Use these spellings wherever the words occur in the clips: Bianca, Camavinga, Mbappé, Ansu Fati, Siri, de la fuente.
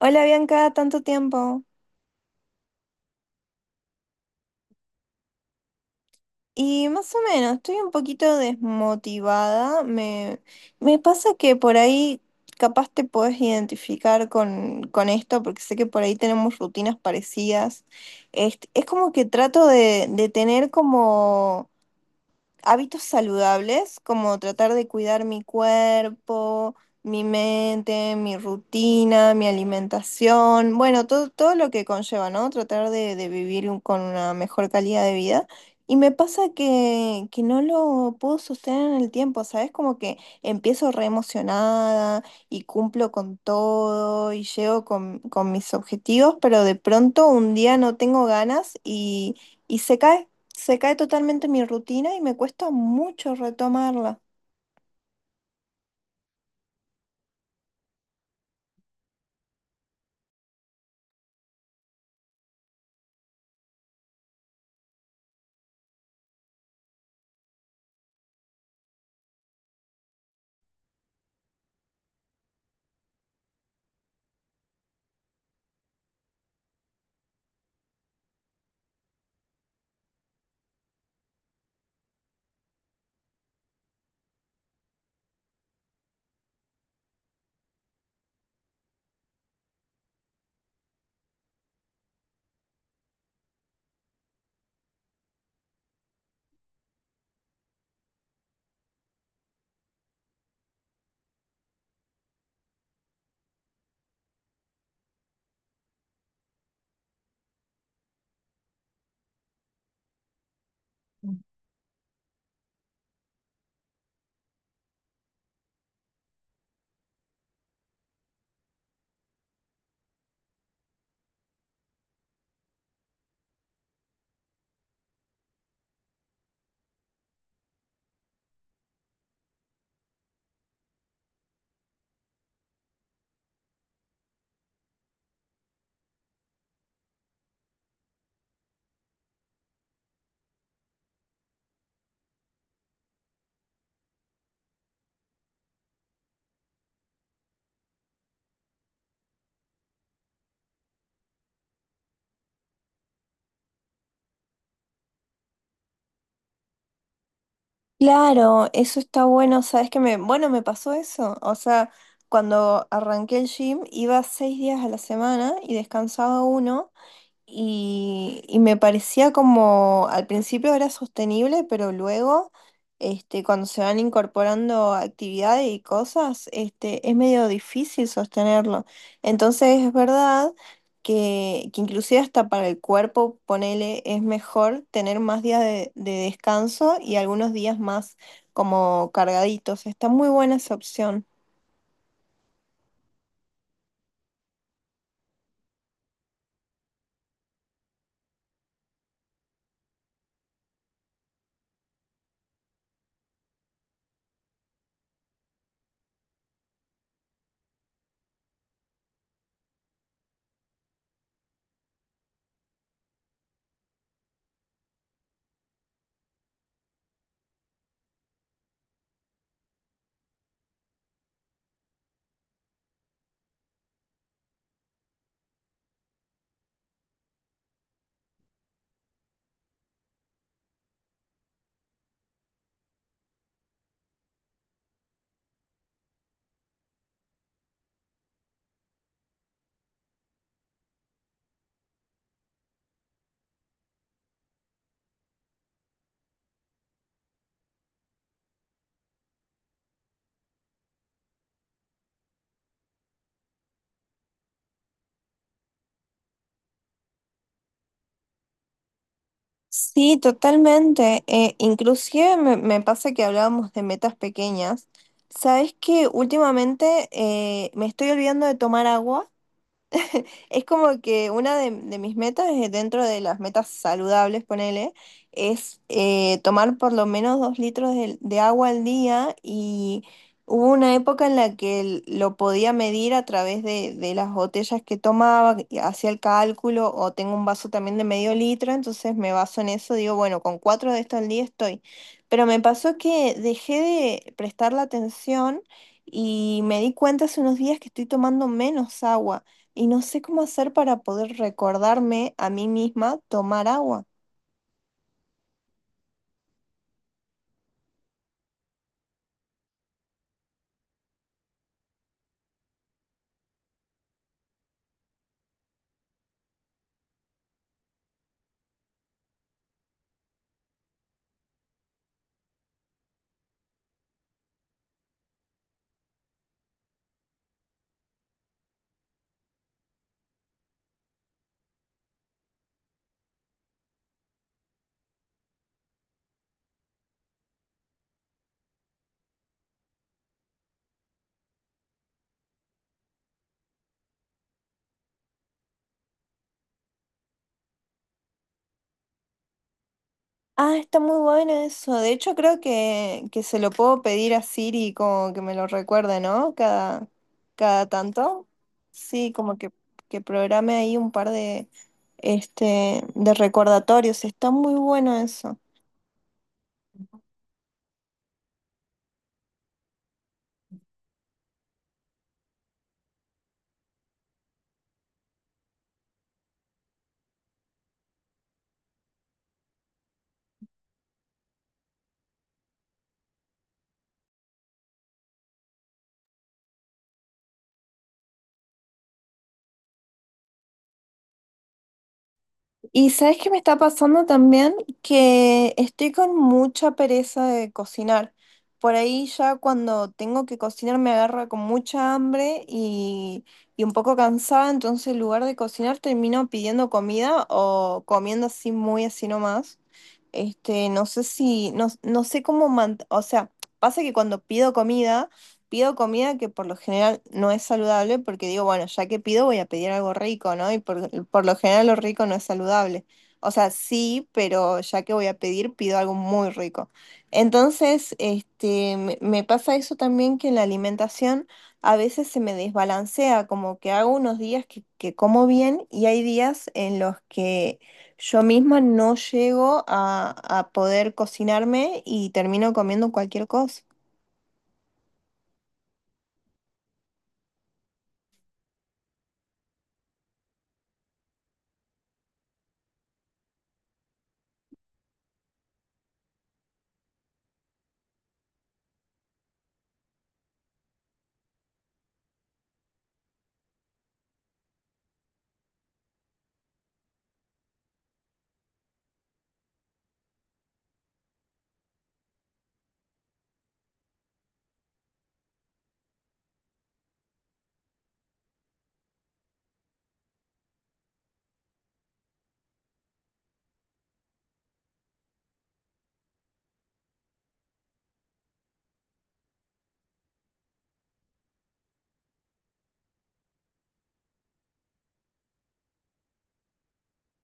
Hola Bianca, tanto tiempo. Y más o menos, estoy un poquito desmotivada. Me pasa que por ahí capaz te podés identificar con esto, porque sé que por ahí tenemos rutinas parecidas. Es como que trato de tener como hábitos saludables, como tratar de cuidar mi cuerpo, mi mente, mi rutina, mi alimentación, bueno, todo lo que conlleva, ¿no? Tratar de vivir con una mejor calidad de vida. Y me pasa que no lo puedo sostener en el tiempo, ¿sabes? Como que empiezo re emocionada y cumplo con todo y llego con mis objetivos, pero de pronto un día no tengo ganas y se cae. Se cae totalmente mi rutina y me cuesta mucho retomarla. Claro, eso está bueno. ¿Sabes que me, bueno, me pasó eso? O sea, cuando arranqué el gym iba 6 días a la semana y descansaba uno. Y me parecía como al principio era sostenible, pero luego, cuando se van incorporando actividades y cosas, es medio difícil sostenerlo. Entonces es verdad que inclusive hasta para el cuerpo, ponele, es mejor tener más días de descanso y algunos días más como cargaditos. Está muy buena esa opción. Sí, totalmente. Inclusive me pasa que hablábamos de metas pequeñas. Sabes que últimamente me estoy olvidando de tomar agua. Es como que una de mis metas, dentro de las metas saludables, ponele, es tomar por lo menos 2 litros de agua al día. Y hubo una época en la que lo podía medir a través de las botellas que tomaba, y hacía el cálculo, o tengo un vaso también de medio litro, entonces me baso en eso, digo, bueno, con cuatro de esto al día estoy. Pero me pasó que dejé de prestar la atención y me di cuenta hace unos días que estoy tomando menos agua. Y no sé cómo hacer para poder recordarme a mí misma tomar agua. Ah, está muy bueno eso. De hecho, creo que se lo puedo pedir a Siri como que me lo recuerde, ¿no? Cada, cada tanto. Sí, como que programe ahí un par de recordatorios. Está muy bueno eso. Y sabes qué me está pasando también, que estoy con mucha pereza de cocinar. Por ahí ya cuando tengo que cocinar me agarra con mucha hambre y un poco cansada, entonces en lugar de cocinar termino pidiendo comida o comiendo así muy así nomás. No sé si, no sé cómo, o sea, pasa que cuando pido comida, pido comida que por lo general no es saludable, porque digo, bueno, ya que pido voy a pedir algo rico, ¿no? Y por lo general lo rico no es saludable. O sea, sí, pero ya que voy a pedir, pido algo muy rico. Entonces, me pasa eso también, que en la alimentación a veces se me desbalancea, como que hago unos días que como bien y hay días en los que yo misma no llego a poder cocinarme y termino comiendo cualquier cosa.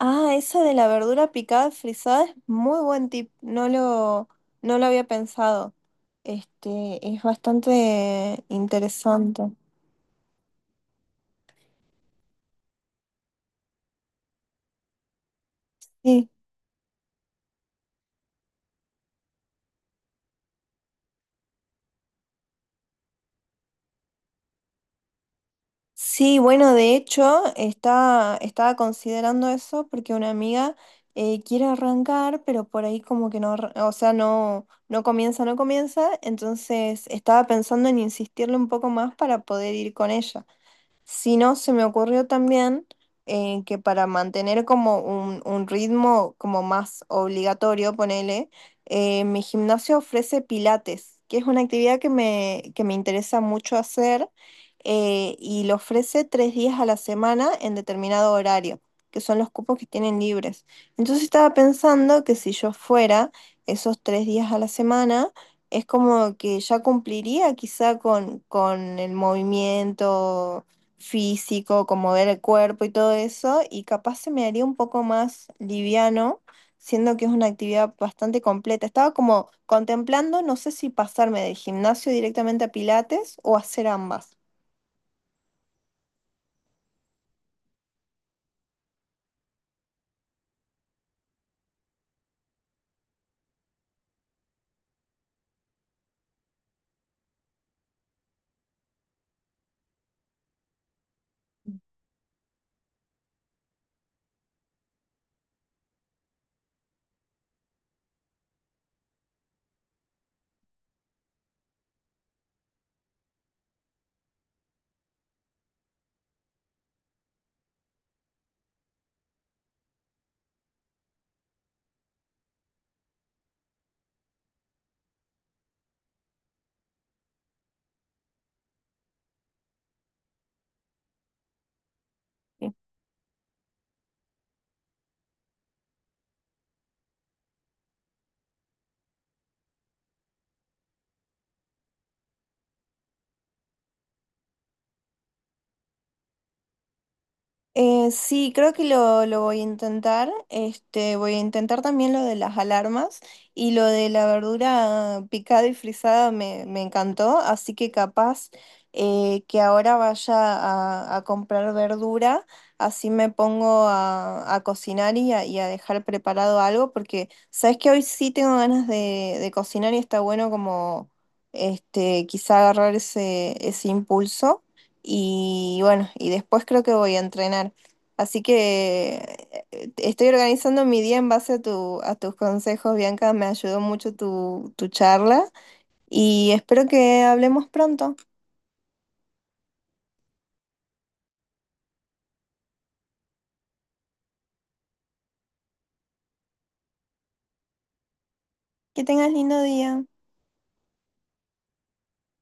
Ah, esa de la verdura picada frisada es muy buen tip. No lo había pensado. Es bastante interesante. Sí. Sí, bueno, de hecho, estaba considerando eso porque una amiga quiere arrancar, pero por ahí como que no, o sea, no, no comienza, no comienza. Entonces estaba pensando en insistirle un poco más para poder ir con ella. Si no, se me ocurrió también que para mantener como un ritmo como más obligatorio, ponele, mi gimnasio ofrece pilates, que es una actividad que me interesa mucho hacer, y lo ofrece 3 días a la semana en determinado horario, que son los cupos que tienen libres. Entonces estaba pensando que si yo fuera esos 3 días a la semana, es como que ya cumpliría quizá con el movimiento físico, como ver el cuerpo y todo eso, y capaz se me haría un poco más liviano, siendo que es una actividad bastante completa. Estaba como contemplando, no sé si pasarme del gimnasio directamente a Pilates o hacer ambas. Sí, creo que lo voy a intentar. Voy a intentar también lo de las alarmas, y lo de la verdura picada y frisada me encantó, así que capaz que ahora vaya a comprar verdura, así me pongo a cocinar y a dejar preparado algo, porque sabes que hoy sí tengo ganas de cocinar y está bueno como quizá agarrar ese impulso. Y bueno, y después creo que voy a entrenar. Así que estoy organizando mi día en base a tus consejos, Bianca. Me ayudó mucho tu charla y espero que hablemos pronto. Que tengas lindo día.